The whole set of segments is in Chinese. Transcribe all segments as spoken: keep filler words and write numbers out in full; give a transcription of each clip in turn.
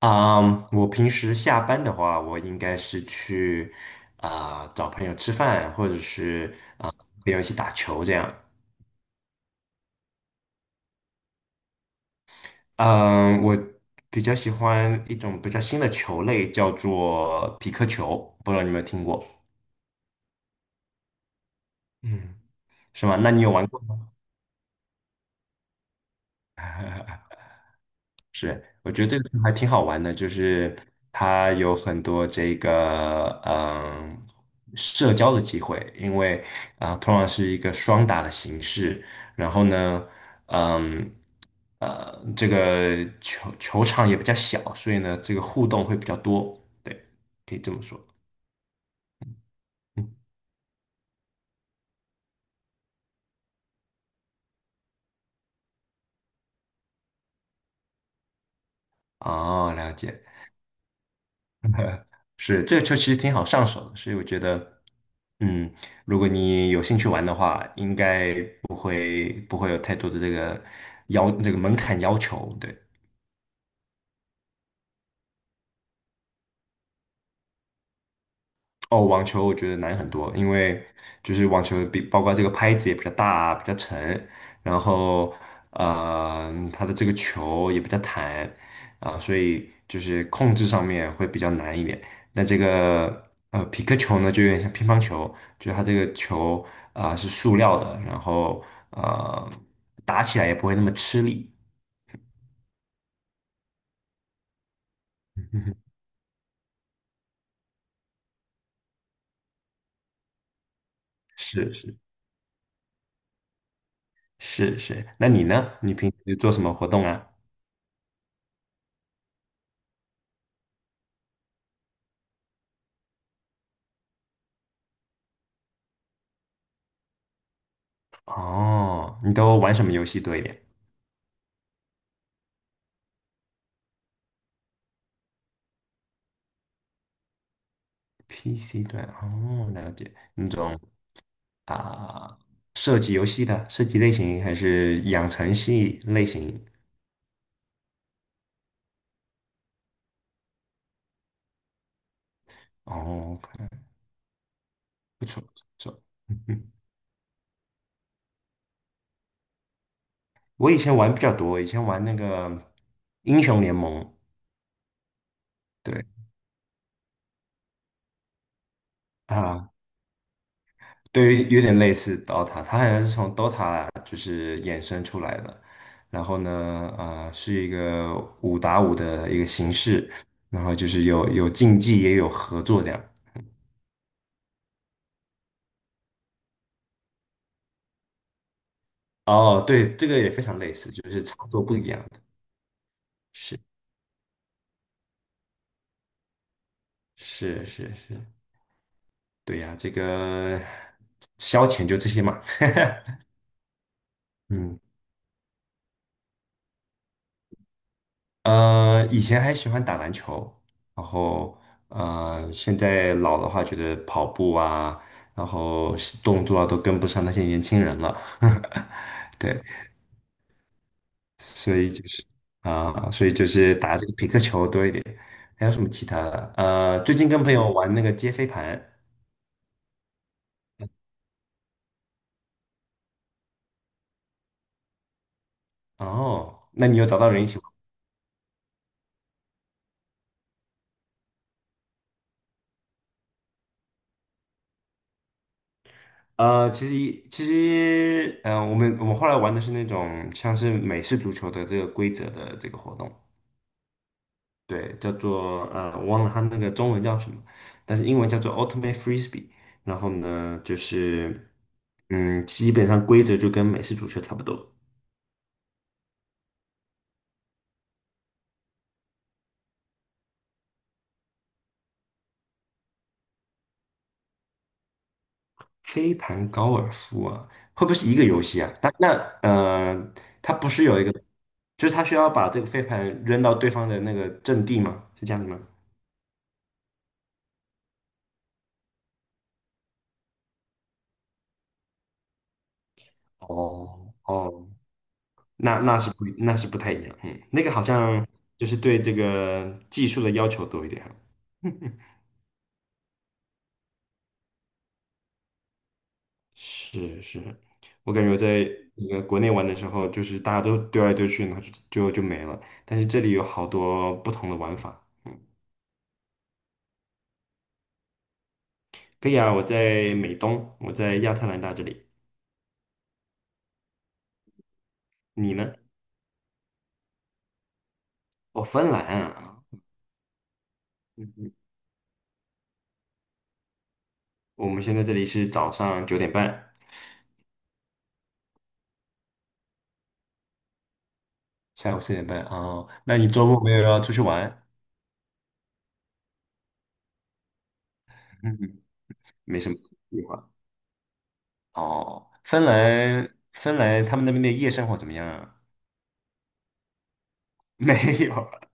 啊我平时下班的话，我应该是去啊、找朋友吃饭，或者是啊、朋友一起打球这样。嗯，我比较喜欢一种比较新的球类，叫做匹克球，不知道你有没有听过？嗯，是吗？那你有玩过？吗？是，我觉得这个还挺好玩的，就是它有很多这个嗯社交的机会，因为啊、通常是一个双打的形式，然后呢，嗯呃这个球球场也比较小，所以呢这个互动会比较多，对，可以这么说。嗯，哦，了解。是，这个球其实挺好上手的，所以我觉得，嗯，如果你有兴趣玩的话，应该不会不会有太多的这个要这个门槛要求，对。哦，网球我觉得难很多，因为就是网球比包括这个拍子也比较大啊比较沉，然后呃，它的这个球也比较弹啊，所以就是控制上面会比较难一点。那这个呃皮克球呢，就有点像乒乓球，就是它这个球啊，是塑料的，然后呃打起来也不会那么吃力。是是是是，那你呢？你平时做什么活动啊？哦，你都玩什么游戏多一点？P C 端哦，了解那种啊、射击游戏的射击类型，还是养成系类型？哦，不错不错，嗯嗯，我以前玩比较多，以前玩那个英雄联盟，对啊，对，有点类似 D O T A，它好像是从 D O T A 就是衍生出来的，然后呢，啊、是一个五打五的一个形式，然后就是有有竞技也有合作这样。哦，对，这个也非常类似，就是操作不一样的。是是是是，对呀，这个消遣就这些嘛。嗯，呃，以前还喜欢打篮球，然后呃，现在老的话，觉得跑步啊，然后动作啊都跟不上那些年轻人了。对，所以就是啊、所以就是打这个皮克球多一点。还有什么其他的？呃，最近跟朋友玩那个接飞盘。哦，那你有找到人一起？呃，其实一其实，嗯、我们我们后来玩的是那种像是美式足球的这个规则的这个活动，对，叫做呃，我忘了它那个中文叫什么，但是英文叫做 Ultimate Frisbee。然后呢，就是嗯，基本上规则就跟美式足球差不多。飞盘高尔夫啊，会不会是一个游戏啊？那那呃，它不是有一个，就是它需要把这个飞盘扔到对方的那个阵地吗？是这样子吗？哦哦那那是不那是不太一样，嗯，那个好像就是对这个技术的要求多一点啊。是是，我感觉我在那个国内玩的时候，就是大家都丢来丢去，然后就就就没了。但是这里有好多不同的玩法。可以啊，我在美东，我在亚特兰大这里。你呢？哦，芬兰啊。嗯，我们现在这里是早上九点半，下午四点半哦。那你周末没有要出去玩？嗯，没什么计划。哦，芬兰，芬兰他们那边的夜生活怎么样啊？没有。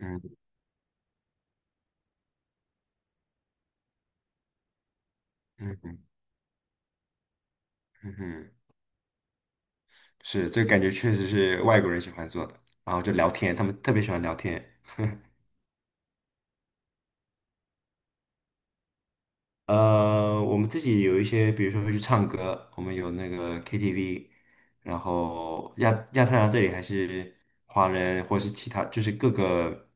嗯嗯嗯嗯，嗯，是，这个感觉确实是外国人喜欢做的，然后就聊天，他们特别喜欢聊天。呃，我们自己有一些，比如说会去唱歌，我们有那个 K T V，然后亚亚太兰大这里还是华人或是其他，就是各个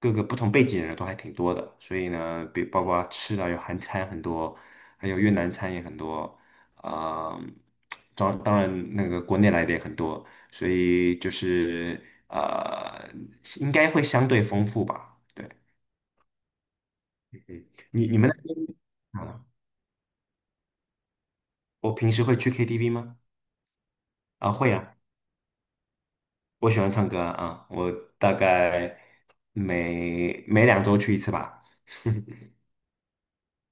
各个不同背景的人都还挺多的，所以呢，比包括吃的有韩餐很多，还有越南餐也很多，啊、当当然那个国内来的也很多，所以就是呃，应该会相对丰富吧。对，你你们那边，啊我平时会去 K T V 吗？啊，会啊，我喜欢唱歌啊，啊我大概每每两周去一次吧。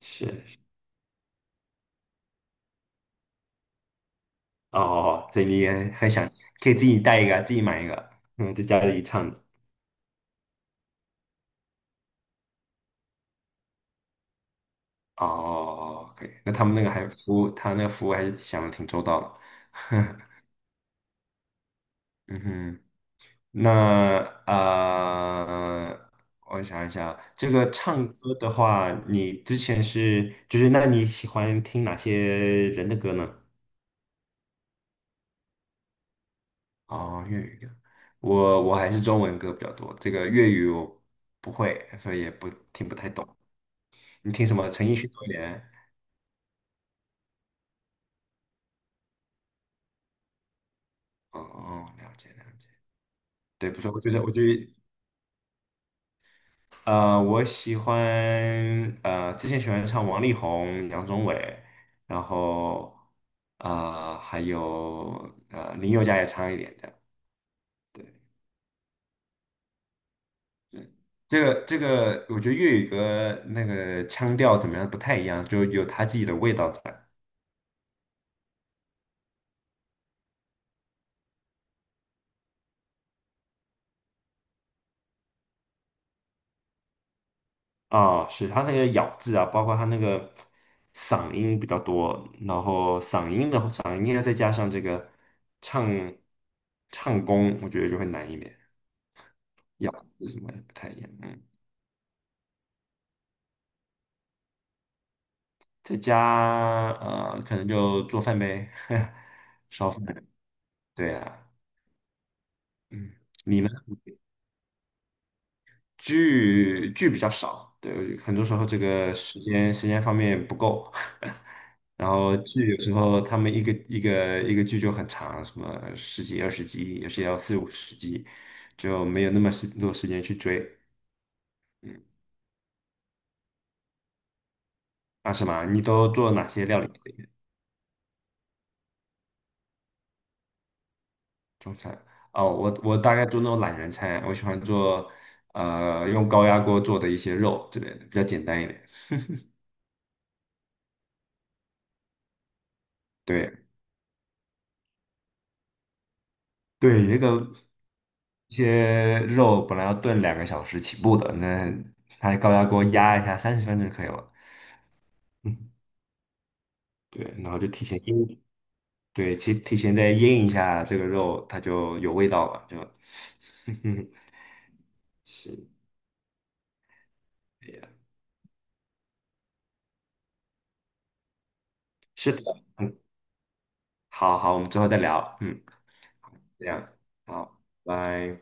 是，是哦，所以你也很想，可以自己带一个，自己买一个，嗯，在家里唱。哦哦哦可以。那他们那个还服务，他那个服务还是想的挺周到的。嗯哼，那呃，我想一想，这个唱歌的话，你之前是，就是那你喜欢听哪些人的歌呢？哦，粤语歌，我我还是中文歌比较多，这个粤语我不会，所以也不听不太懂。你听什么？陈奕迅多一点。哦哦，了解了解。对，不错，我觉得我觉得呃，我喜欢呃，之前喜欢唱王力宏、杨宗纬，然后啊还有呃，林宥嘉也唱一点的。对，这个这个，我觉得粤语歌那个腔调怎么样不太一样，就有他自己的味道在。哦，是他那个咬字啊，包括他那个嗓音比较多，然后嗓音的嗓音呢，再加上这个唱唱功，我觉得就会难一点，咬字什么的不太一样。嗯，在家呃，可能就做饭呗，烧饭。对啊，嗯，你呢？剧剧比较少，对，很多时候这个时间时间方面不够，然后剧有时候他们一个一个一个剧就很长，什么十几二十集，有时也要四五十集，就没有那么时多时间去追。嗯，啊，什么？你都做哪些料理？中餐？哦，我我大概做那种懒人餐，我喜欢做呃用高压锅做的一些肉之类的，比较简单一点。对对，那个。一些肉本来要炖两个小时起步的，那它高压锅压一下三十分钟就可以了。嗯，对，然后就提前腌，对，提提前再腌一下这个肉，它就有味道了，就，是这呀，是的，嗯，好好，我们之后再聊，嗯，这样，好，拜。